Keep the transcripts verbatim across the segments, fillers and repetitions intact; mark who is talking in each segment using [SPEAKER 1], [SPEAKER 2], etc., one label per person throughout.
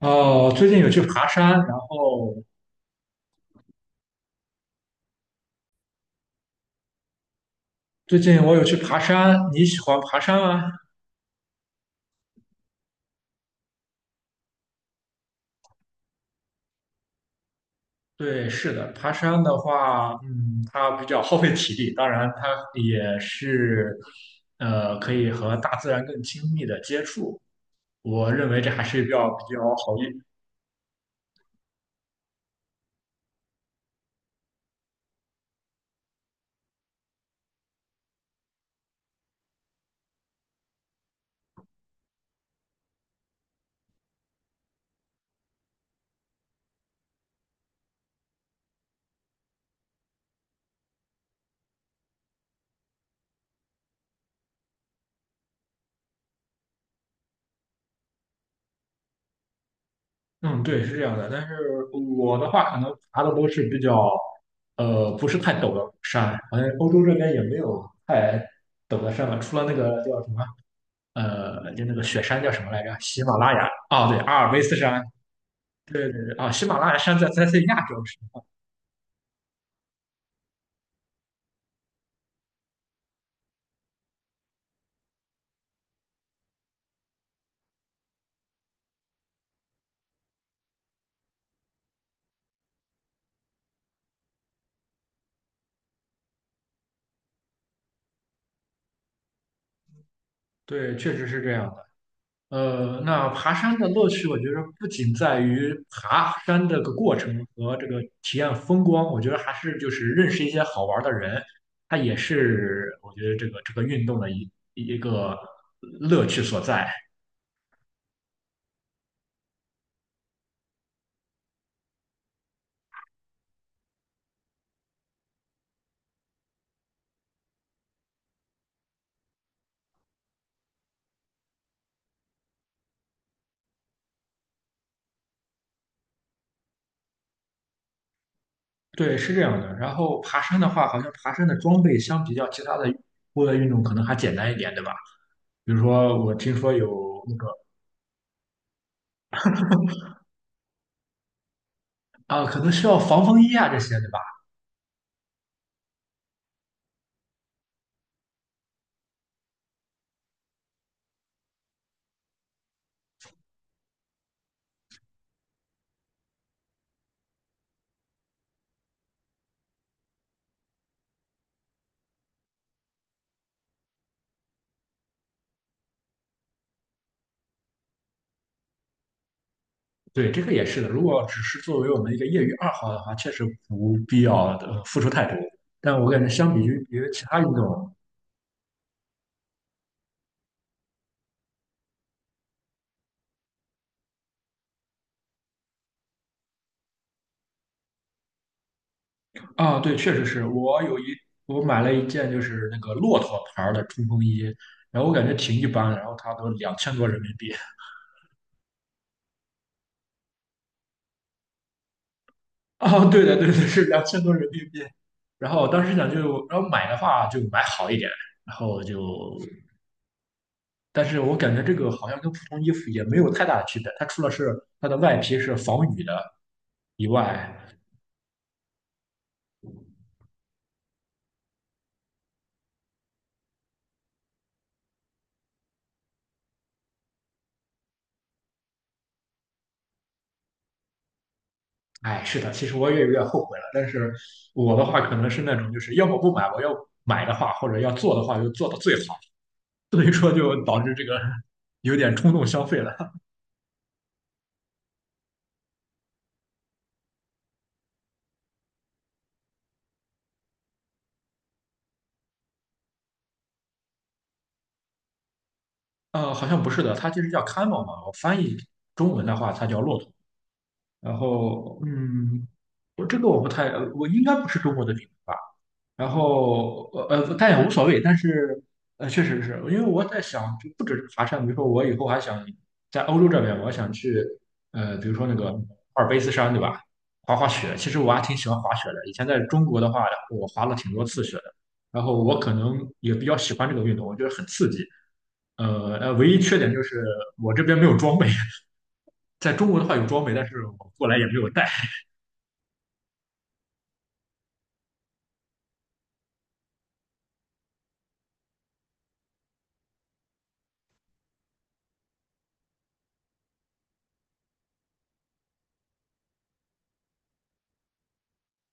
[SPEAKER 1] 哦，最近有去爬山，然后最近我有去爬山。你喜欢爬山吗？对，是的，爬山的话，嗯，它比较耗费体力，当然它也是，呃，可以和大自然更亲密的接触。我认为这还是比较比较好一，嗯，对，是这样的。但是我的话，可能爬的都是比较，呃，不是太陡的山，好像欧洲这边也没有太陡的山吧，除了那个叫什么。呃，就那个雪山叫什么来着？喜马拉雅哦，对，阿尔卑斯山，对对对，啊、喜马拉雅山在在在亚洲是吗，对，确实是这样的。呃，那爬山的乐趣，我觉得不仅在于爬山这个过程和这个体验风光，我觉得还是就是认识一些好玩的人，它也是我觉得这个这个运动的一一个乐趣所在。对，是这样的。然后爬山的话，好像爬山的装备相比较其他的户外运动可能还简单一点，对吧？比如说，我听说有那个啊，可能需要防风衣啊这些，对吧？对，这个也是的。如果只是作为我们一个业余爱好的话，确实不必要的付出太多。但我感觉相比于别的其他运动啊，对，确实是我有一我买了一件就是那个骆驼牌儿的冲锋衣，然后我感觉挺一般的，然后它都两千多人民币。啊，对的，对的，是两千多人民币。然后我当时想就，然后买的话就买好一点，然后就但是我感觉这个好像跟普通衣服也没有太大的区别，它除了是它的外皮是防雨的以外，哎，是的，其实我也有点后悔了。但是我的话可能是那种就是要么不买，我要买的话或者要做的话就做的最好，所以说就导致这个有点冲动消费了。呃，好像不是的，它其实叫 camel 嘛，我翻译中文的话它叫骆驼。然后，嗯，我这个我不太，呃我应该不是中国的品牌吧？然后呃，呃但也无所谓。但是呃，确实是因为我在想，就不止是爬山，比如说我以后还想在欧洲这边，我想去呃，比如说那个阿尔卑斯山，对吧？滑滑雪，其实我还挺喜欢滑雪的。以前在中国的话，我滑了挺多次雪的。然后我可能也比较喜欢这个运动，我觉得很刺激。呃呃，唯一缺点就是我这边没有装备，在中国的话有装备，但是我过来也没有带。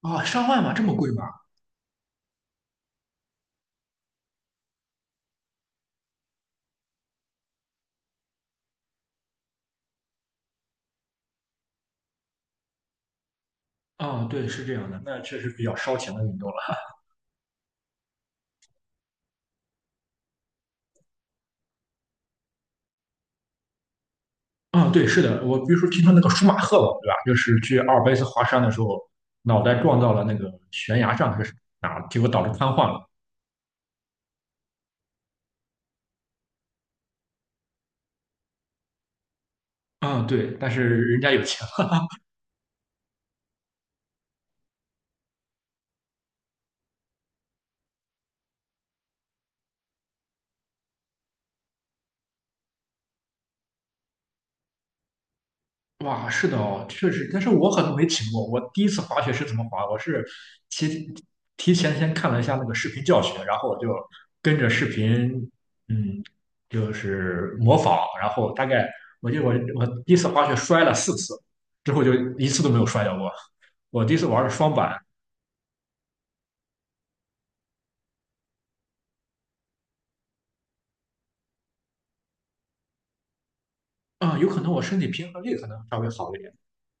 [SPEAKER 1] 啊、上万吗？这么贵吗？啊、对，是这样的，那确实比较烧钱的运动。嗯，对，是的，我比如说听说那个舒马赫吧，对吧？就是去阿尔卑斯华山的时候，脑袋撞到了那个悬崖上还是哪儿，结果导致瘫痪了。嗯，对，但是人家有钱了。哇，是的哦，确实，但是我可能没体验过。我第一次滑雪是怎么滑？我是提提前先看了一下那个视频教学，然后我就跟着视频，嗯，就是模仿，然后大概我记得我我第一次滑雪摔了四次，之后就一次都没有摔跤过。我第一次玩的双板，啊，有可能我身体平衡力可能稍微好一点，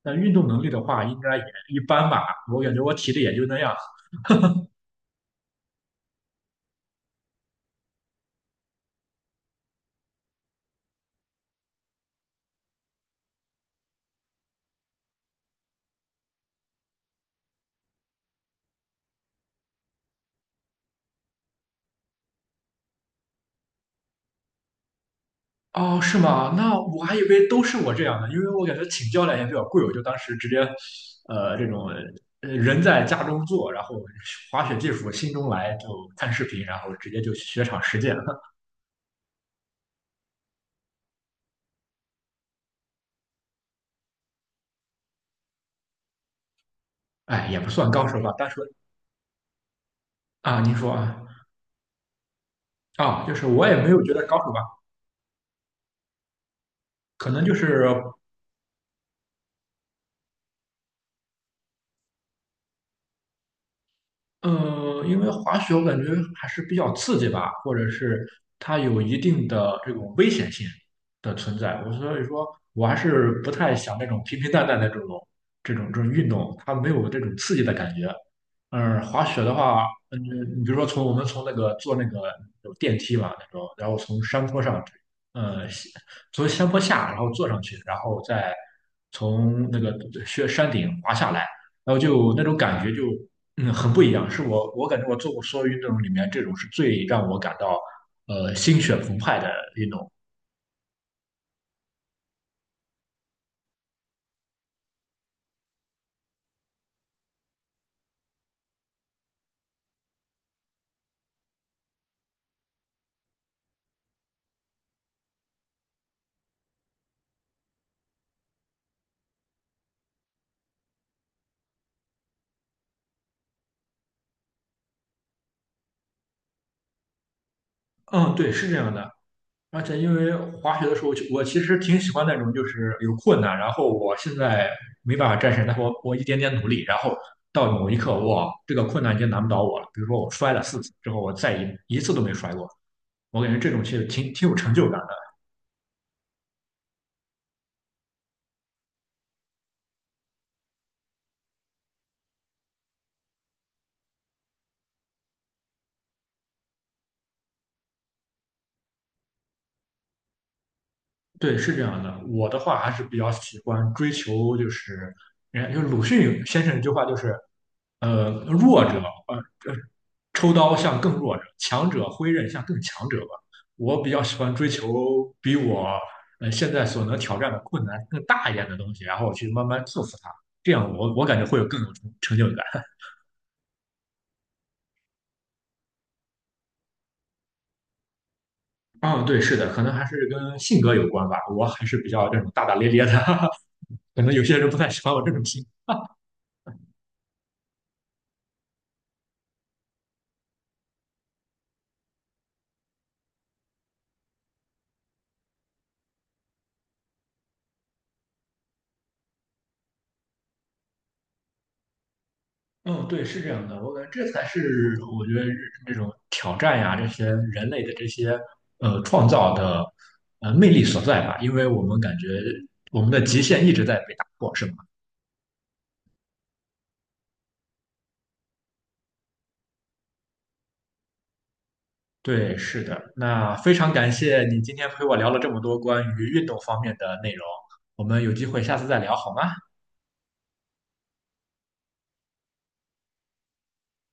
[SPEAKER 1] 但运动能力的话应该也一般吧。我感觉我体力也就那样。哦，是吗？那我还以为都是我这样的，因为我感觉请教练也比较贵，我就当时直接，呃，这种呃人在家中坐，然后滑雪技术心中来，就看视频，然后直接就雪场实践。哎，也不算高手吧，但是啊，您说啊，啊，就是我也没有觉得高手吧，可能就是呃，因为滑雪我感觉还是比较刺激吧，或者是它有一定的这种危险性的存在。我所以说，我还是不太想那种平平淡淡的这种这种这种运动，它没有这种刺激的感觉。嗯，滑雪的话，嗯，你比如说从我们从那个坐那个有电梯嘛那种，然后从山坡上，呃，从山坡下，然后坐上去，然后再从那个雪山顶滑下来，然后就那种感觉就。嗯，很不一样，是我我感觉我做过所有运动里面，这种是最让我感到呃心血澎湃的运动。嗯，对，是这样的。而且因为滑雪的时候，我其实挺喜欢那种就是有困难，然后我现在没办法战胜，但是我我一点点努力，然后到某一刻，哇，这个困难已经难不倒我了。比如说我摔了四次之后，我再一一次都没摔过，我感觉这种其实挺挺有成就感的。对，是这样的。我的话还是比较喜欢追求，就是人家就是鲁迅先生一句话，就是呃，弱者呃呃抽刀向更弱者，强者挥刃向更强者吧。我比较喜欢追求比我呃现在所能挑战的困难更大一点的东西，然后我去慢慢克服它。这样我我感觉会有更有成成就感。嗯，对，是的，可能还是跟性格有关吧。我还是比较这种大大咧咧的，可能有些人不太喜欢我这种性格。嗯，对，是这样的，我感觉这才是我觉得这种挑战呀，这些人类的这些呃创造的呃魅力所在吧，因为我们感觉我们的极限一直在被打破，是吗？对，是的。那非常感谢你今天陪我聊了这么多关于运动方面的内容，我们有机会下次再聊好吗？